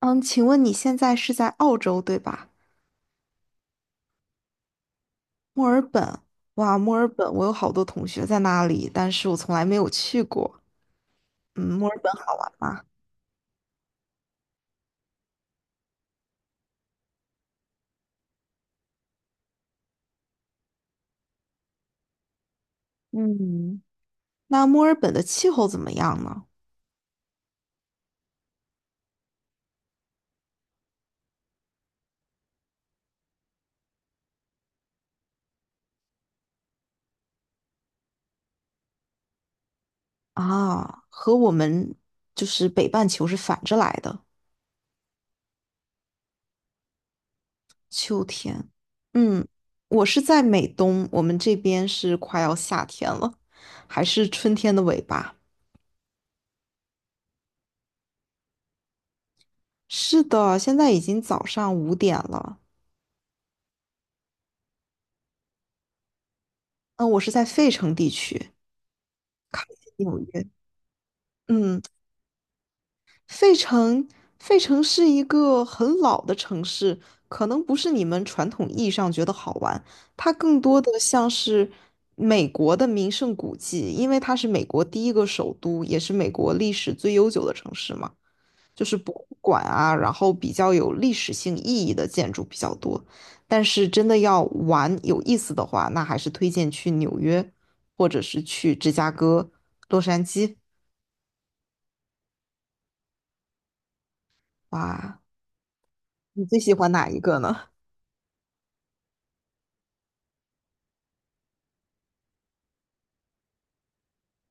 嗯，请问你现在是在澳洲对吧？墨尔本，哇，墨尔本，我有好多同学在那里，但是我从来没有去过。嗯，墨尔本好玩吗？嗯，那墨尔本的气候怎么样呢？啊，和我们就是北半球是反着来的，秋天。嗯，我是在美东，我们这边是快要夏天了，还是春天的尾巴。是的，现在已经早上5点了。嗯，我是在费城地区，纽约。嗯。费城，费城是一个很老的城市，可能不是你们传统意义上觉得好玩，它更多的像是美国的名胜古迹，因为它是美国第一个首都，也是美国历史最悠久的城市嘛，就是博物馆啊，然后比较有历史性意义的建筑比较多。但是真的要玩有意思的话，那还是推荐去纽约，或者是去芝加哥、洛杉矶。哇，你最喜欢哪一个呢？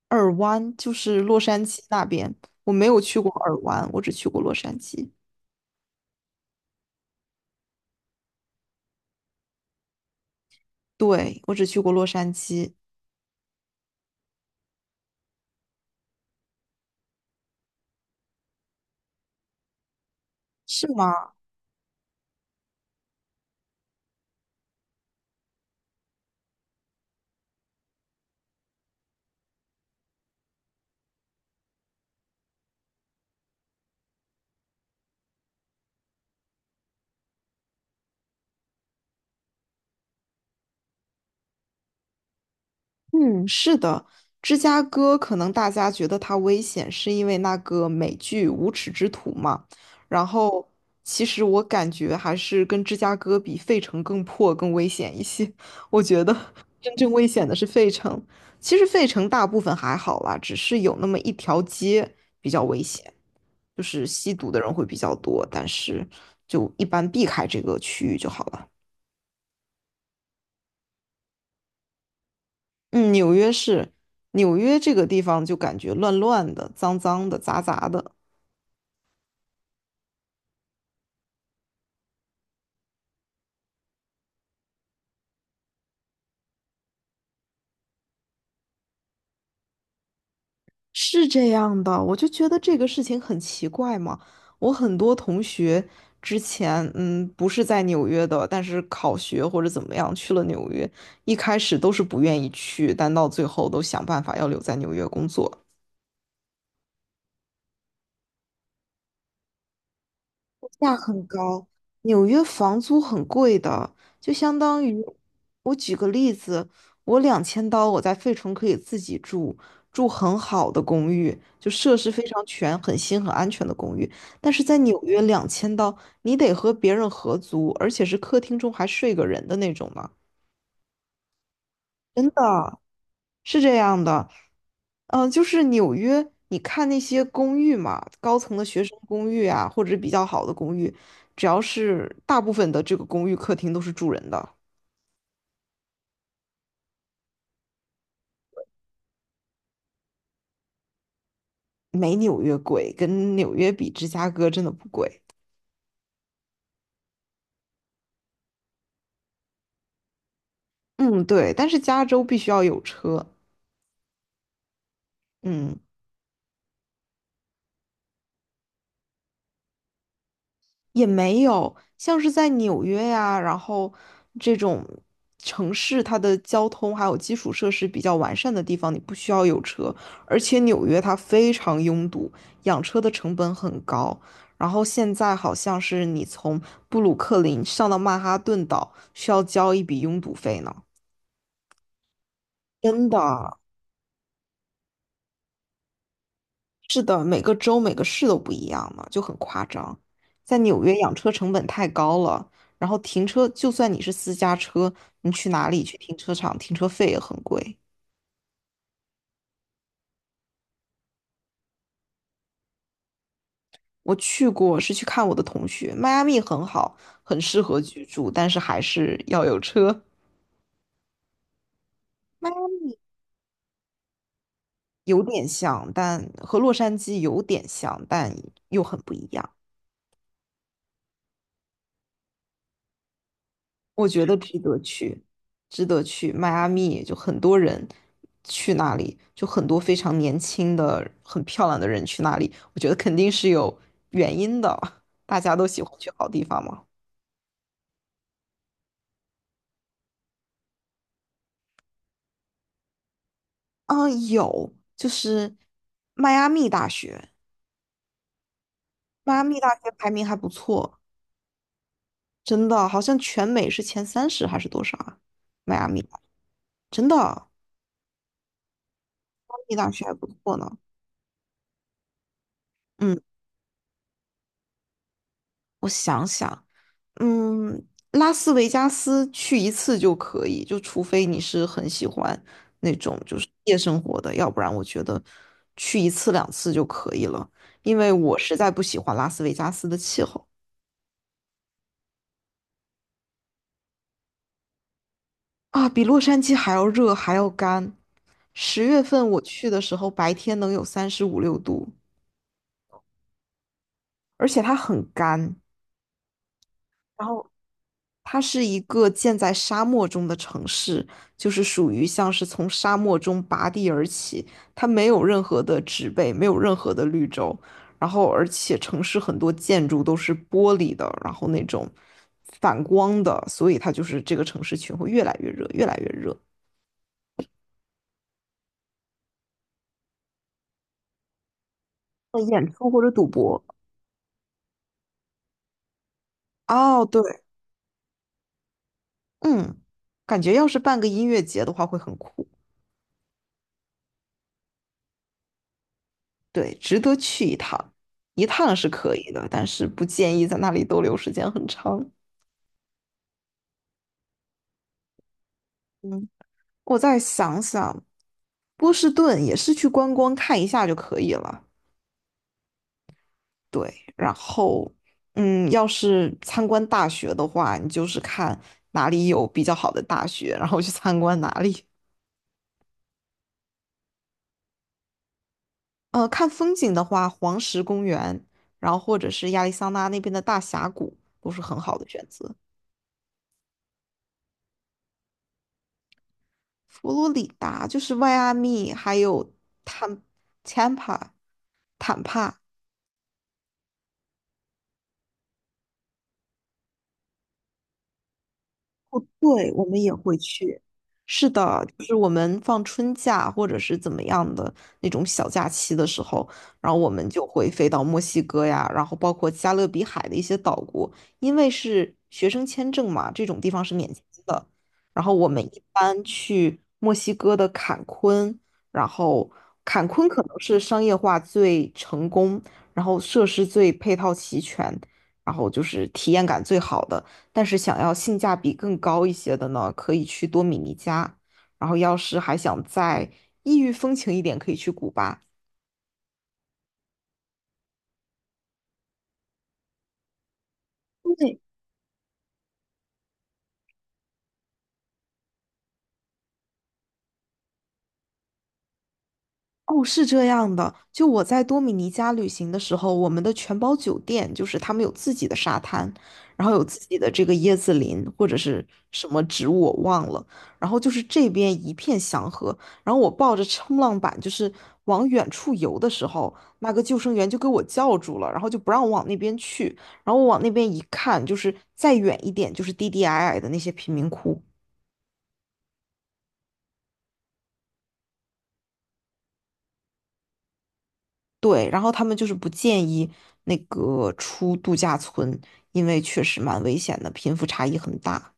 尔湾就是洛杉矶那边，我没有去过尔湾，我只去过洛杉矶。对，我只去过洛杉矶，是吗？嗯，是的。芝加哥可能大家觉得它危险，是因为那个美剧《无耻之徒》嘛。然后，其实我感觉还是跟芝加哥比，费城更破、更危险一些。我觉得 真正危险的是费城。其实费城大部分还好啦，只是有那么一条街比较危险。就是吸毒的人会比较多，但是就一般避开这个区域就好了。嗯，纽约是，纽约这个地方就感觉乱乱的、脏脏的、杂杂的，是这样的。我就觉得这个事情很奇怪嘛。我很多同学之前，嗯，不是在纽约的，但是考学或者怎么样去了纽约，一开始都是不愿意去，但到最后都想办法要留在纽约工作。价很高，纽约房租很贵的，就相当于，我举个例子，我两千刀我在费城可以自己住，住很好的公寓，就设施非常全、很新、很安全的公寓，但是在纽约两千刀，你得和别人合租，而且是客厅中还睡个人的那种呢，真的。是这样的，就是纽约，你看那些公寓嘛，高层的学生公寓啊，或者比较好的公寓，只要是大部分的这个公寓客厅都是住人的，没纽约贵，跟纽约比，芝加哥真的不贵。嗯，对，但是加州必须要有车。嗯。也没有，像是在纽约呀，然后这种城市，它的交通还有基础设施比较完善的地方，你不需要有车。而且纽约它非常拥堵，养车的成本很高。然后现在好像是你从布鲁克林上到曼哈顿岛，需要交一笔拥堵费呢。真的。是的，每个州每个市都不一样嘛，就很夸张。在纽约养车成本太高了，然后停车，就算你是私家车，你去哪里去停车场，停车费也很贵。我去过，是去看我的同学，迈阿密很好，很适合居住，但是还是要有车。有点像，但和洛杉矶有点像，但又很不一样。我觉得值得去，值得去。迈阿密就很多人去那里，就很多非常年轻的、很漂亮的人去那里，我觉得肯定是有原因的。大家都喜欢去好地方嘛。嗯，有，就是迈阿密大学，迈阿密大学排名还不错，真的，好像全美是前30还是多少啊？迈阿密，真的，迈阿密大学还不错呢。嗯，我想想，嗯，拉斯维加斯去一次就可以，就除非你是很喜欢那种就是夜生活的，要不然我觉得去一次两次就可以了，因为我实在不喜欢拉斯维加斯的气候啊，比洛杉矶还要热还要干。10月份我去的时候，白天能有35、36度，而且它很干。然后。它是一个建在沙漠中的城市，就是属于像是从沙漠中拔地而起，它没有任何的植被，没有任何的绿洲，然后而且城市很多建筑都是玻璃的，然后那种反光的，所以它就是这个城市群会越来越热，越来越热。演出或者赌博。哦，对，嗯，感觉要是办个音乐节的话会很酷，对，值得去一趟，一趟是可以的，但是不建议在那里逗留时间很长。嗯，我再想想，波士顿也是去观光看一下就可以了。对，然后，嗯，要是参观大学的话，你就是看哪里有比较好的大学，然后去参观哪里。看风景的话，黄石公园，然后或者是亚利桑那那边的大峡谷都是很好的选择。佛罗里达就是迈阿密，还有坦坦帕坦帕。哦，对，我们也会去。是的，就是我们放春假或者是怎么样的那种小假期的时候，然后我们就会飞到墨西哥呀，然后包括加勒比海的一些岛国，因为是学生签证嘛，这种地方是免签的。然后我们一般去墨西哥的坎昆，然后坎昆可能是商业化最成功，然后设施最配套齐全，然后就是体验感最好的。但是想要性价比更高一些的呢，可以去多米尼加。然后要是还想再异域风情一点，可以去古巴。哦，是这样的。就我在多米尼加旅行的时候，我们的全包酒店就是他们有自己的沙滩，然后有自己的这个椰子林或者是什么植物我忘了，然后就是这边一片祥和。然后我抱着冲浪板就是往远处游的时候，那个救生员就给我叫住了，然后就不让我往那边去。然后我往那边一看，就是再远一点就是低低矮矮的那些贫民窟，对，然后他们就是不建议那个出度假村，因为确实蛮危险的，贫富差异很大。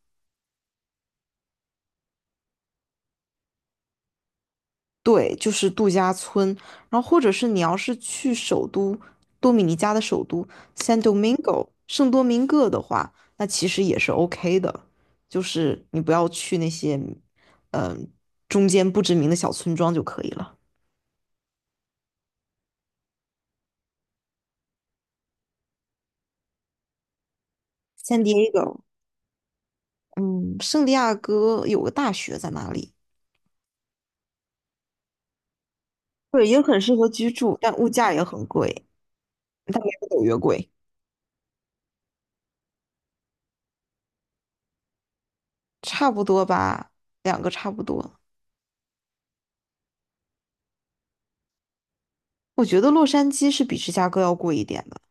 对，就是度假村，然后或者是你要是去首都多米尼加的首都 San Domingo 圣多明各的话，那其实也是 OK 的，就是你不要去那些嗯、中间不知名的小村庄就可以了。San d 嗯，圣地亚哥有个大学在那里，对，也很适合居住，但物价也很贵。但没有纽约贵，差不多吧，两个差不多。我觉得洛杉矶是比芝加哥要贵一点的，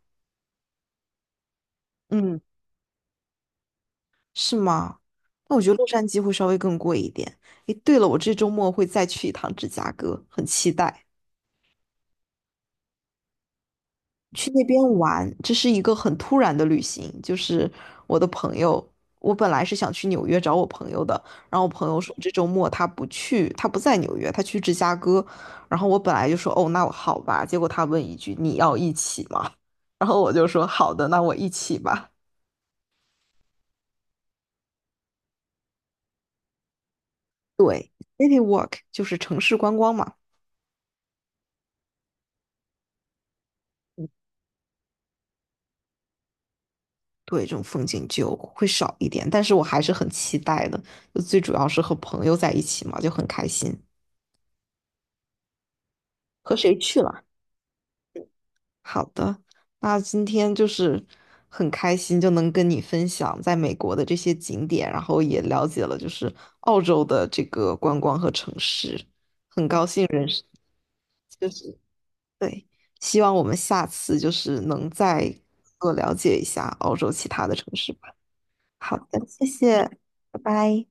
嗯，是吗？那我觉得洛杉矶会稍微更贵一点。诶，对了，我这周末会再去一趟芝加哥，很期待。去那边玩，这是一个很突然的旅行。就是我的朋友，我本来是想去纽约找我朋友的，然后我朋友说这周末他不去，他不在纽约，他去芝加哥。然后我本来就说哦，那我好吧。结果他问一句你要一起吗？然后我就说好的，那我一起吧。对，city walk 就是城市观光嘛，对，这种风景就会少一点，但是我还是很期待的。就最主要是和朋友在一起嘛，就很开心。和谁去了？好的，那今天就是很开心，就能跟你分享在美国的这些景点，然后也了解了就是澳洲的这个观光和城市，就是对，希望我们下次就是能再多了解一下澳洲其他的城市吧。好的，谢谢，拜拜。